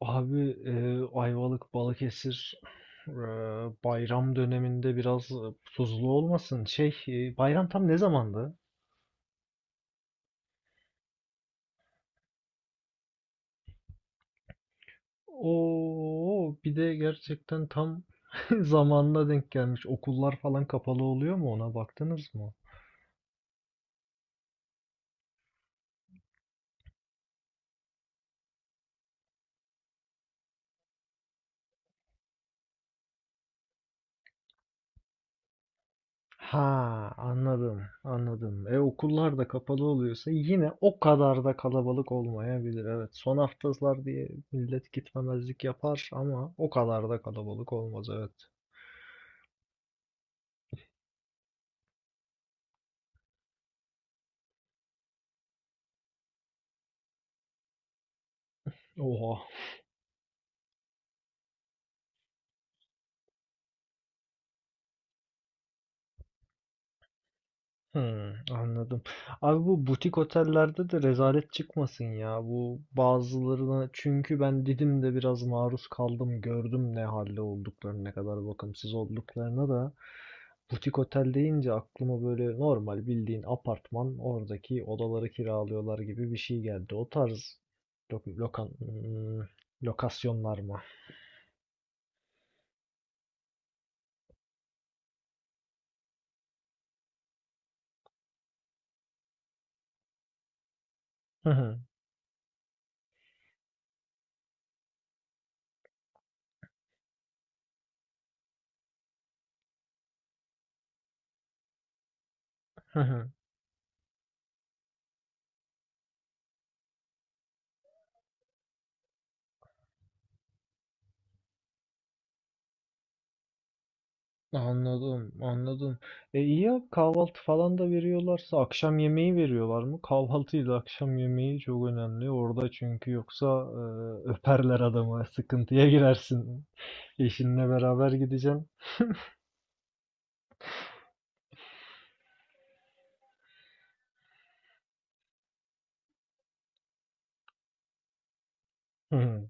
Abi Ayvalık, Balıkesir, eee, bayram döneminde biraz tuzlu olmasın. Şey, bayram tam ne zamandı? Oo, bir de gerçekten tam zamanına denk gelmiş. Okullar falan kapalı oluyor mu, ona baktınız mı? Ha, anladım anladım. E, okullar da kapalı oluyorsa yine o kadar da kalabalık olmayabilir. Evet, son haftalar diye millet gitmemezlik yapar ama o kadar da kalabalık olmaz, evet. Oha. Hmm, anladım. Abi, bu butik otellerde de rezalet çıkmasın ya. Bu bazılarına, çünkü ben Didim'de biraz maruz kaldım, gördüm ne halde olduklarını, ne kadar bakımsız olduklarını da. Butik otel deyince aklıma böyle normal bildiğin apartman, oradaki odaları kiralıyorlar gibi bir şey geldi. O tarz lokan, hmm, lokasyonlar mı? Hı hı, hı hı. Anladım, anladım. E, iyi ya, kahvaltı falan da veriyorlarsa akşam yemeği veriyorlar mı? Kahvaltıyla akşam yemeği çok önemli orada, çünkü yoksa öperler adamı, sıkıntıya girersin. Eşinle beraber gideceğim. Hı,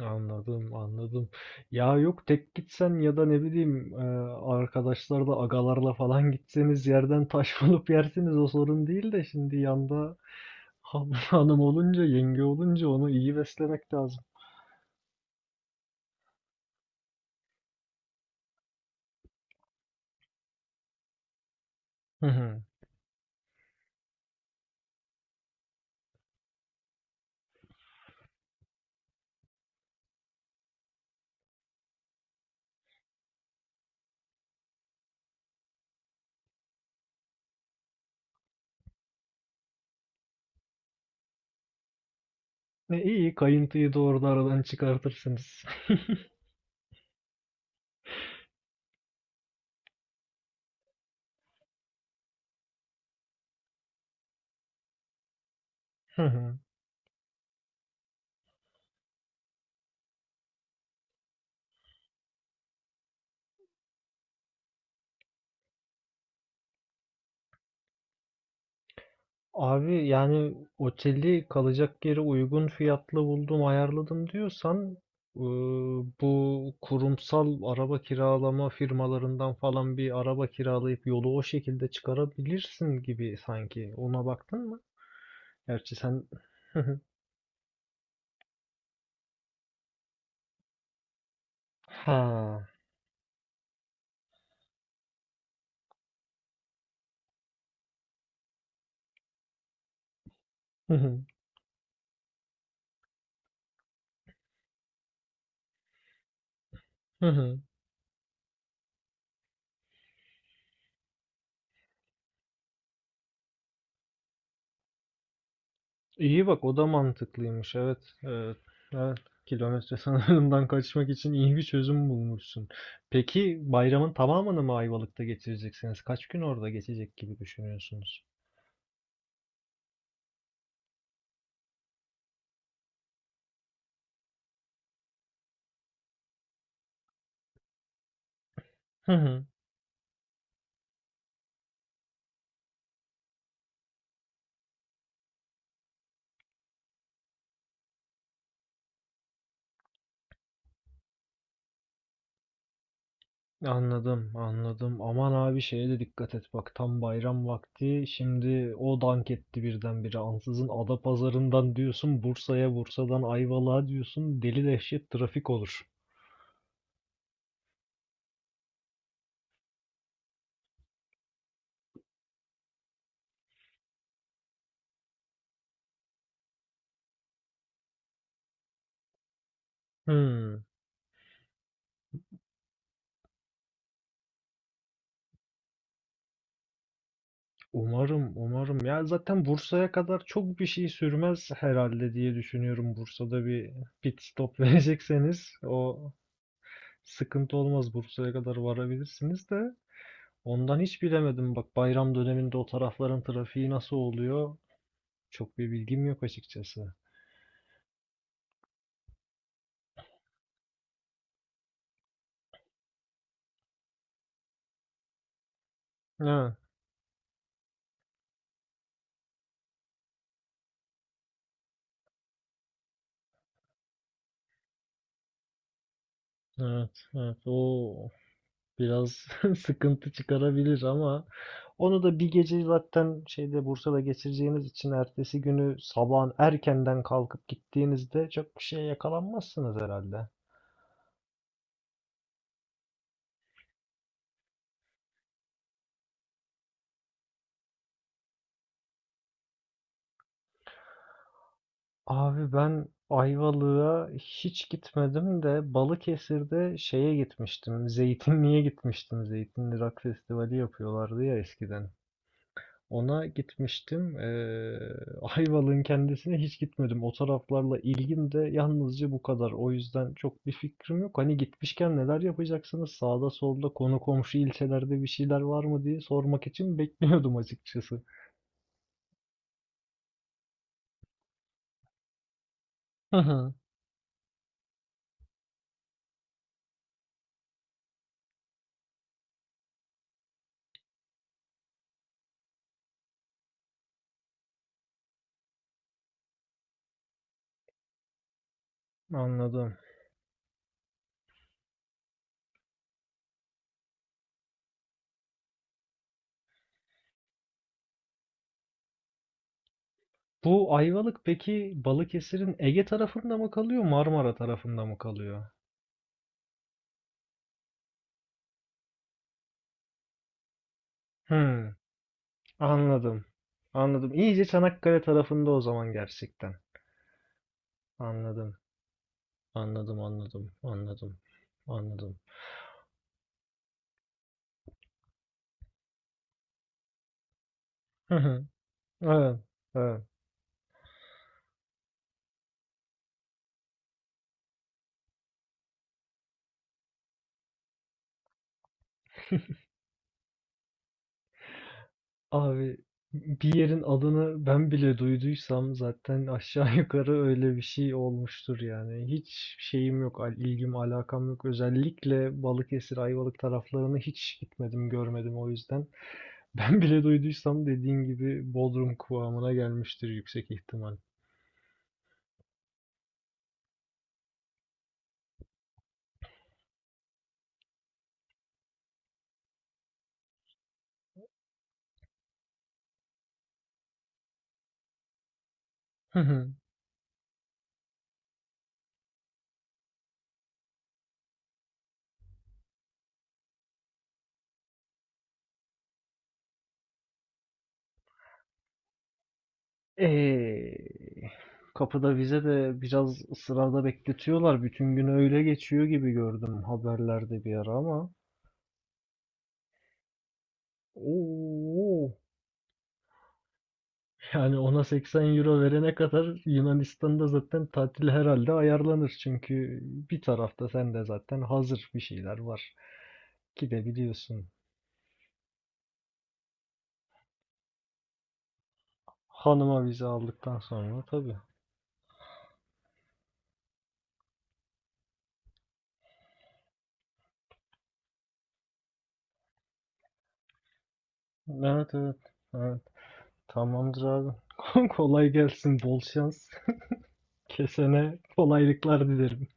anladım, anladım. Ya yok, tek gitsen ya da ne bileyim, arkadaşlarla, agalarla falan gitseniz yerden taş bulup yersiniz, o sorun değil de şimdi yanda hanım olunca, yenge olunca onu iyi beslemek lazım. Hı hı. E, iyi, kayıntıyı doğru aradan çıkartırsınız. Hı hı. Abi, yani oteli, kalacak yeri uygun fiyatlı buldum ayarladım diyorsan bu kurumsal araba kiralama firmalarından falan bir araba kiralayıp yolu o şekilde çıkarabilirsin gibi sanki. Ona baktın mı? Gerçi sen... Ha. Hı hı. İyi bak, o da mantıklıymış, evet. Evet. Evet. Kilometre sınırından kaçmak için iyi bir çözüm bulmuşsun. Peki bayramın tamamını mı Ayvalık'ta geçireceksiniz? Kaç gün orada geçecek gibi düşünüyorsunuz? Hı hı. Anladım, anladım. Aman abi, şeye de dikkat et bak, tam bayram vakti. Şimdi o dank etti birdenbire. Ansızın Adapazarı'ndan diyorsun Bursa'ya, Bursa'dan Ayvalık'a diyorsun. Deli dehşet trafik olur. Hmm. Umarım, umarım. Ya zaten Bursa'ya kadar çok bir şey sürmez herhalde diye düşünüyorum. Bursa'da bir pit stop verecekseniz o sıkıntı olmaz. Bursa'ya kadar varabilirsiniz de. Ondan hiç bilemedim. Bak, bayram döneminde o tarafların trafiği nasıl oluyor? Çok bir bilgim yok açıkçası. Evet, evet, evet. O biraz sıkıntı çıkarabilir ama onu da bir gece zaten şeyde, Bursa'da geçireceğiniz için ertesi günü sabahın erkenden kalkıp gittiğinizde çok bir şeye yakalanmazsınız herhalde. Abi, ben Ayvalık'a hiç gitmedim de Balıkesir'de şeye gitmiştim. Zeytinli'ye gitmiştim. Zeytinli Rock Festivali yapıyorlardı ya eskiden. Ona gitmiştim. Ayvalık'ın kendisine hiç gitmedim. O taraflarla ilgim de yalnızca bu kadar. O yüzden çok bir fikrim yok. Hani gitmişken neler yapacaksınız? Sağda solda konu komşu ilçelerde bir şeyler var mı diye sormak için bekliyordum açıkçası. Hı hı, anladım. Bu Ayvalık peki Balıkesir'in Ege tarafında mı kalıyor, Marmara tarafında mı kalıyor? Hmm, anladım. Anladım. İyice Çanakkale tarafında o zaman gerçekten. Anladım. Anladım, anladım, anladım, anladım. Hı hı, evet, evet. Abi, bir yerin adını ben bile duyduysam zaten aşağı yukarı öyle bir şey olmuştur yani. Hiç şeyim yok, ilgim, alakam yok. Özellikle Balıkesir, Ayvalık taraflarını hiç gitmedim, görmedim o yüzden. Ben bile duyduysam, dediğin gibi, Bodrum kıvamına gelmiştir yüksek ihtimal. Eee, kapıda bize de biraz sırada bekletiyorlar. Bütün gün öyle geçiyor gibi gördüm haberlerde bir ara ama. Oo, yani ona 80 euro verene kadar Yunanistan'da zaten tatil herhalde ayarlanır. Çünkü bir tarafta sen de zaten hazır bir şeyler var. Gidebiliyorsun. Hanıma vize aldıktan sonra tabii. Evet evet. Evet. Tamamdır abi. Kolay gelsin, bol şans. Kesene kolaylıklar dilerim.